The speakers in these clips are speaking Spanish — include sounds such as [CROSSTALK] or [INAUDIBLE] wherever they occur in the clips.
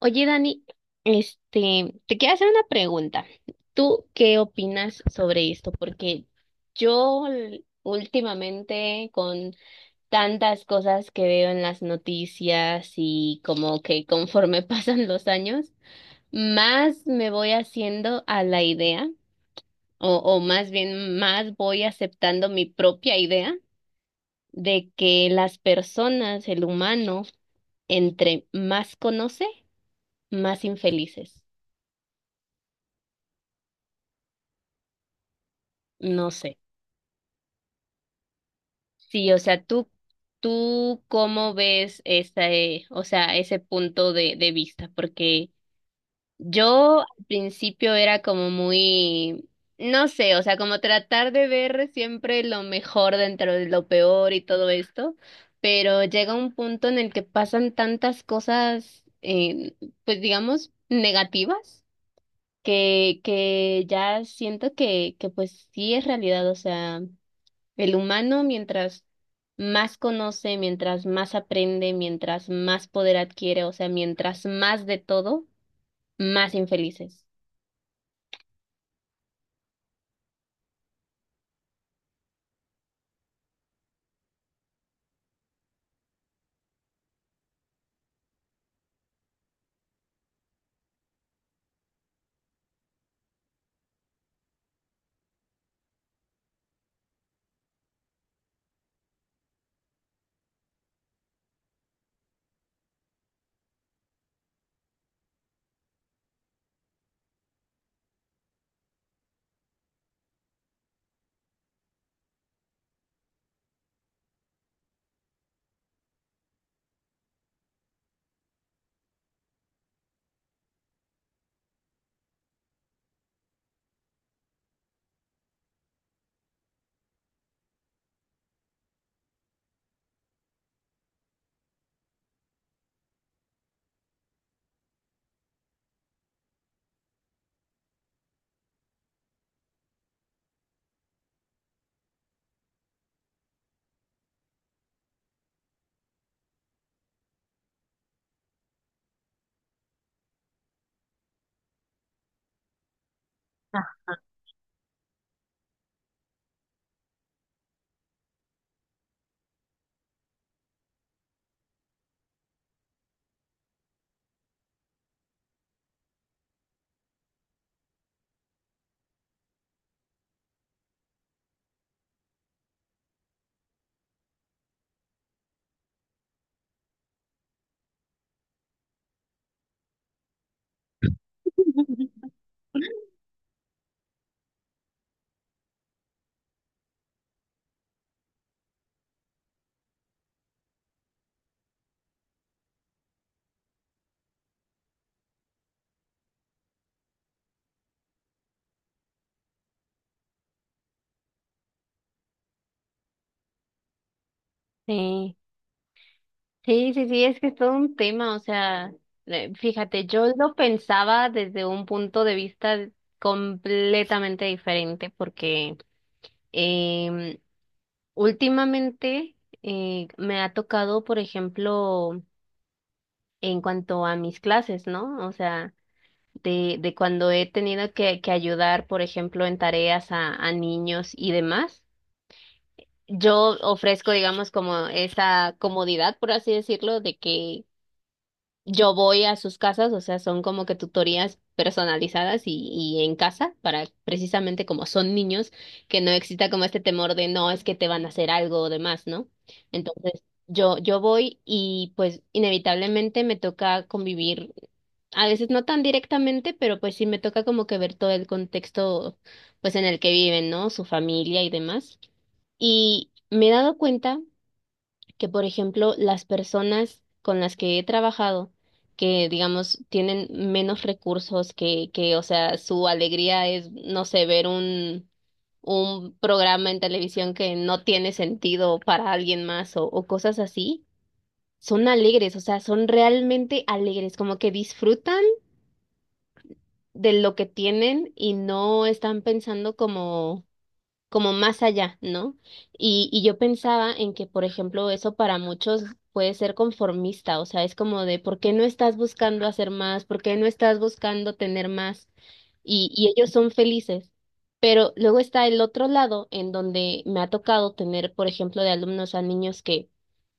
Oye, Dani, este, te quiero hacer una pregunta. ¿Tú qué opinas sobre esto? Porque yo últimamente con tantas cosas que veo en las noticias y como que conforme [LAUGHS] pasan los años, más me voy haciendo a la idea, o más bien más voy aceptando mi propia idea de que las personas, el humano, entre más conoce, más infelices. No sé. Sí, o sea, tú cómo ves ese, o sea, ese punto de vista, porque yo al principio era como muy, no sé, o sea, como tratar de ver siempre lo mejor dentro de lo peor y todo esto, pero llega un punto en el que pasan tantas cosas, pues digamos, negativas, que ya siento que pues sí es realidad, o sea. El humano, mientras más conoce, mientras más aprende, mientras más poder adquiere, o sea, mientras más de todo, más infelices. Sí, sí, sí, sí, es que es todo un tema, o sea, fíjate, yo lo pensaba desde un punto de vista completamente diferente, porque em, últimamente me ha tocado, por ejemplo, en cuanto a mis clases, ¿no? O sea, de cuando he tenido que ayudar, por ejemplo, en tareas a niños y demás, yo ofrezco, digamos, como esa comodidad, por así decirlo, de que yo voy a sus casas, o sea, son como que tutorías personalizadas y en casa, para precisamente como son niños, que no exista como este temor de no, es que te van a hacer algo o demás, ¿no? Entonces, yo voy y pues inevitablemente me toca convivir a veces no tan directamente, pero pues sí me toca como que ver todo el contexto pues en el que viven, ¿no? Su familia y demás. Y me he dado cuenta que, por ejemplo, las personas con las que he trabajado, que digamos tienen menos recursos, o sea, su alegría es, no sé, ver un programa en televisión que no tiene sentido para alguien más o cosas así, son alegres, o sea, son realmente alegres, como que disfrutan de lo que tienen y no están pensando como como más allá, ¿no? Y yo pensaba en que, por ejemplo, eso para muchos puede ser conformista, o sea, es como de, ¿por qué no estás buscando hacer más? ¿Por qué no estás buscando tener más? Y ellos son felices. Pero luego está el otro lado, en donde me ha tocado tener, por ejemplo, de alumnos a niños que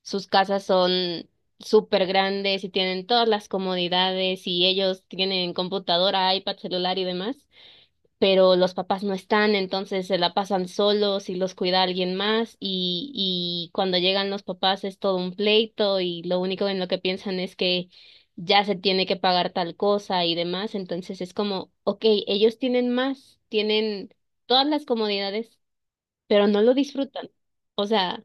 sus casas son súper grandes y tienen todas las comodidades y ellos tienen computadora, iPad, celular y demás, pero los papás no están, entonces se la pasan solos y los cuida alguien más y cuando llegan los papás es todo un pleito y lo único en lo que piensan es que ya se tiene que pagar tal cosa y demás, entonces es como, ok, ellos tienen más, tienen todas las comodidades, pero no lo disfrutan, o sea,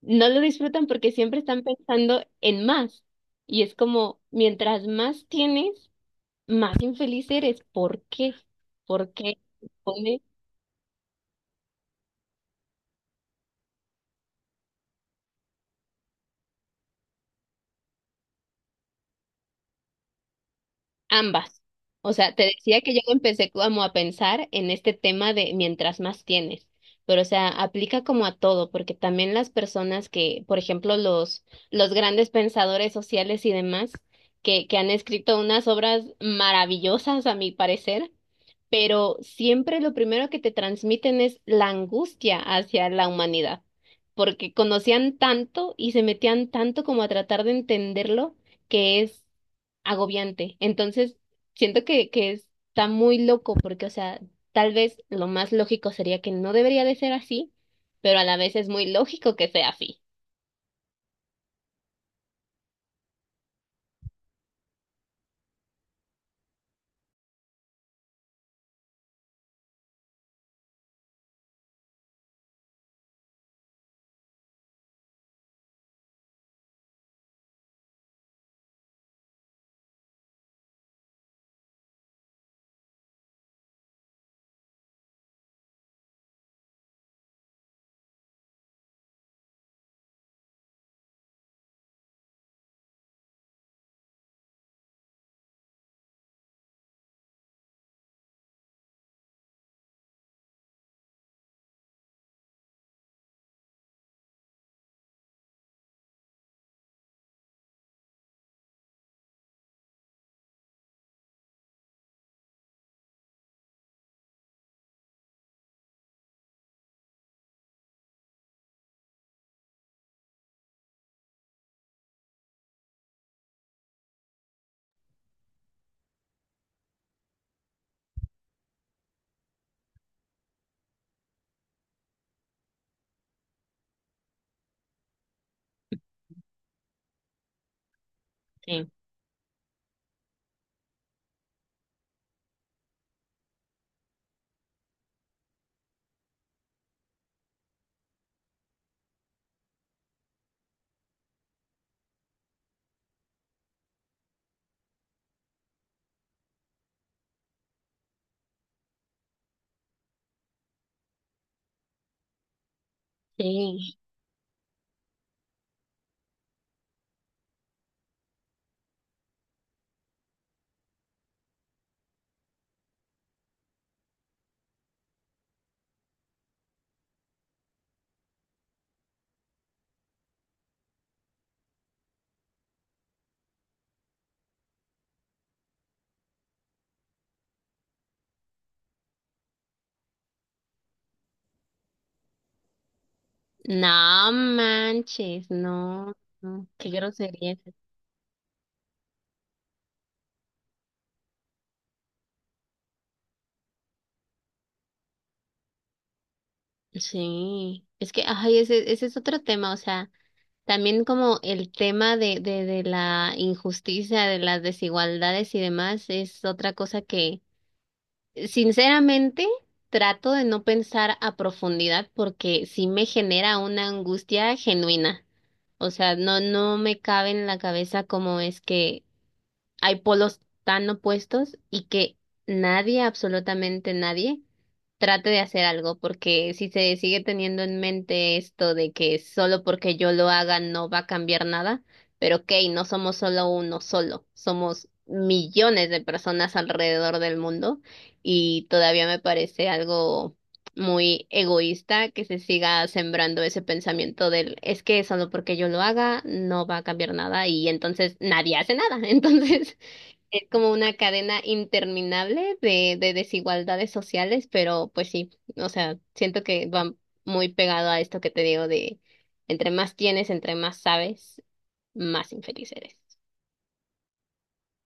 no lo disfrutan porque siempre están pensando en más y es como, mientras más tienes, más infeliz eres, ¿por qué? ¿Por qué? Ambas. O sea, te decía que yo empecé como a pensar en este tema de mientras más tienes, pero o sea, aplica como a todo, porque también las personas que, por ejemplo, los grandes pensadores sociales y demás, que han escrito unas obras maravillosas, a mi parecer, pero siempre lo primero que te transmiten es la angustia hacia la humanidad, porque conocían tanto y se metían tanto como a tratar de entenderlo, que es agobiante. Entonces, siento que está muy loco porque, o sea, tal vez lo más lógico sería que no debería de ser así, pero a la vez es muy lógico que sea así. Sí. Sí. No manches, no, no, qué grosería es esa. Sí, es que, ay, ese es otro tema, o sea, también como el tema de la injusticia, de las desigualdades y demás, es otra cosa que. Sinceramente, trato de no pensar a profundidad porque sí me genera una angustia genuina. O sea, no, no me cabe en la cabeza cómo es que hay polos tan opuestos y que nadie, absolutamente nadie, trate de hacer algo, porque si se sigue teniendo en mente esto de que solo porque yo lo haga no va a cambiar nada, pero ok, no somos solo uno solo, somos millones de personas alrededor del mundo y todavía me parece algo muy egoísta que se siga sembrando ese pensamiento del es que solo porque yo lo haga no va a cambiar nada y entonces nadie hace nada. [LAUGHS] Entonces es como una cadena interminable de desigualdades sociales, pero pues sí, o sea, siento que va muy pegado a esto que te digo de entre más tienes, entre más sabes, más infeliz eres.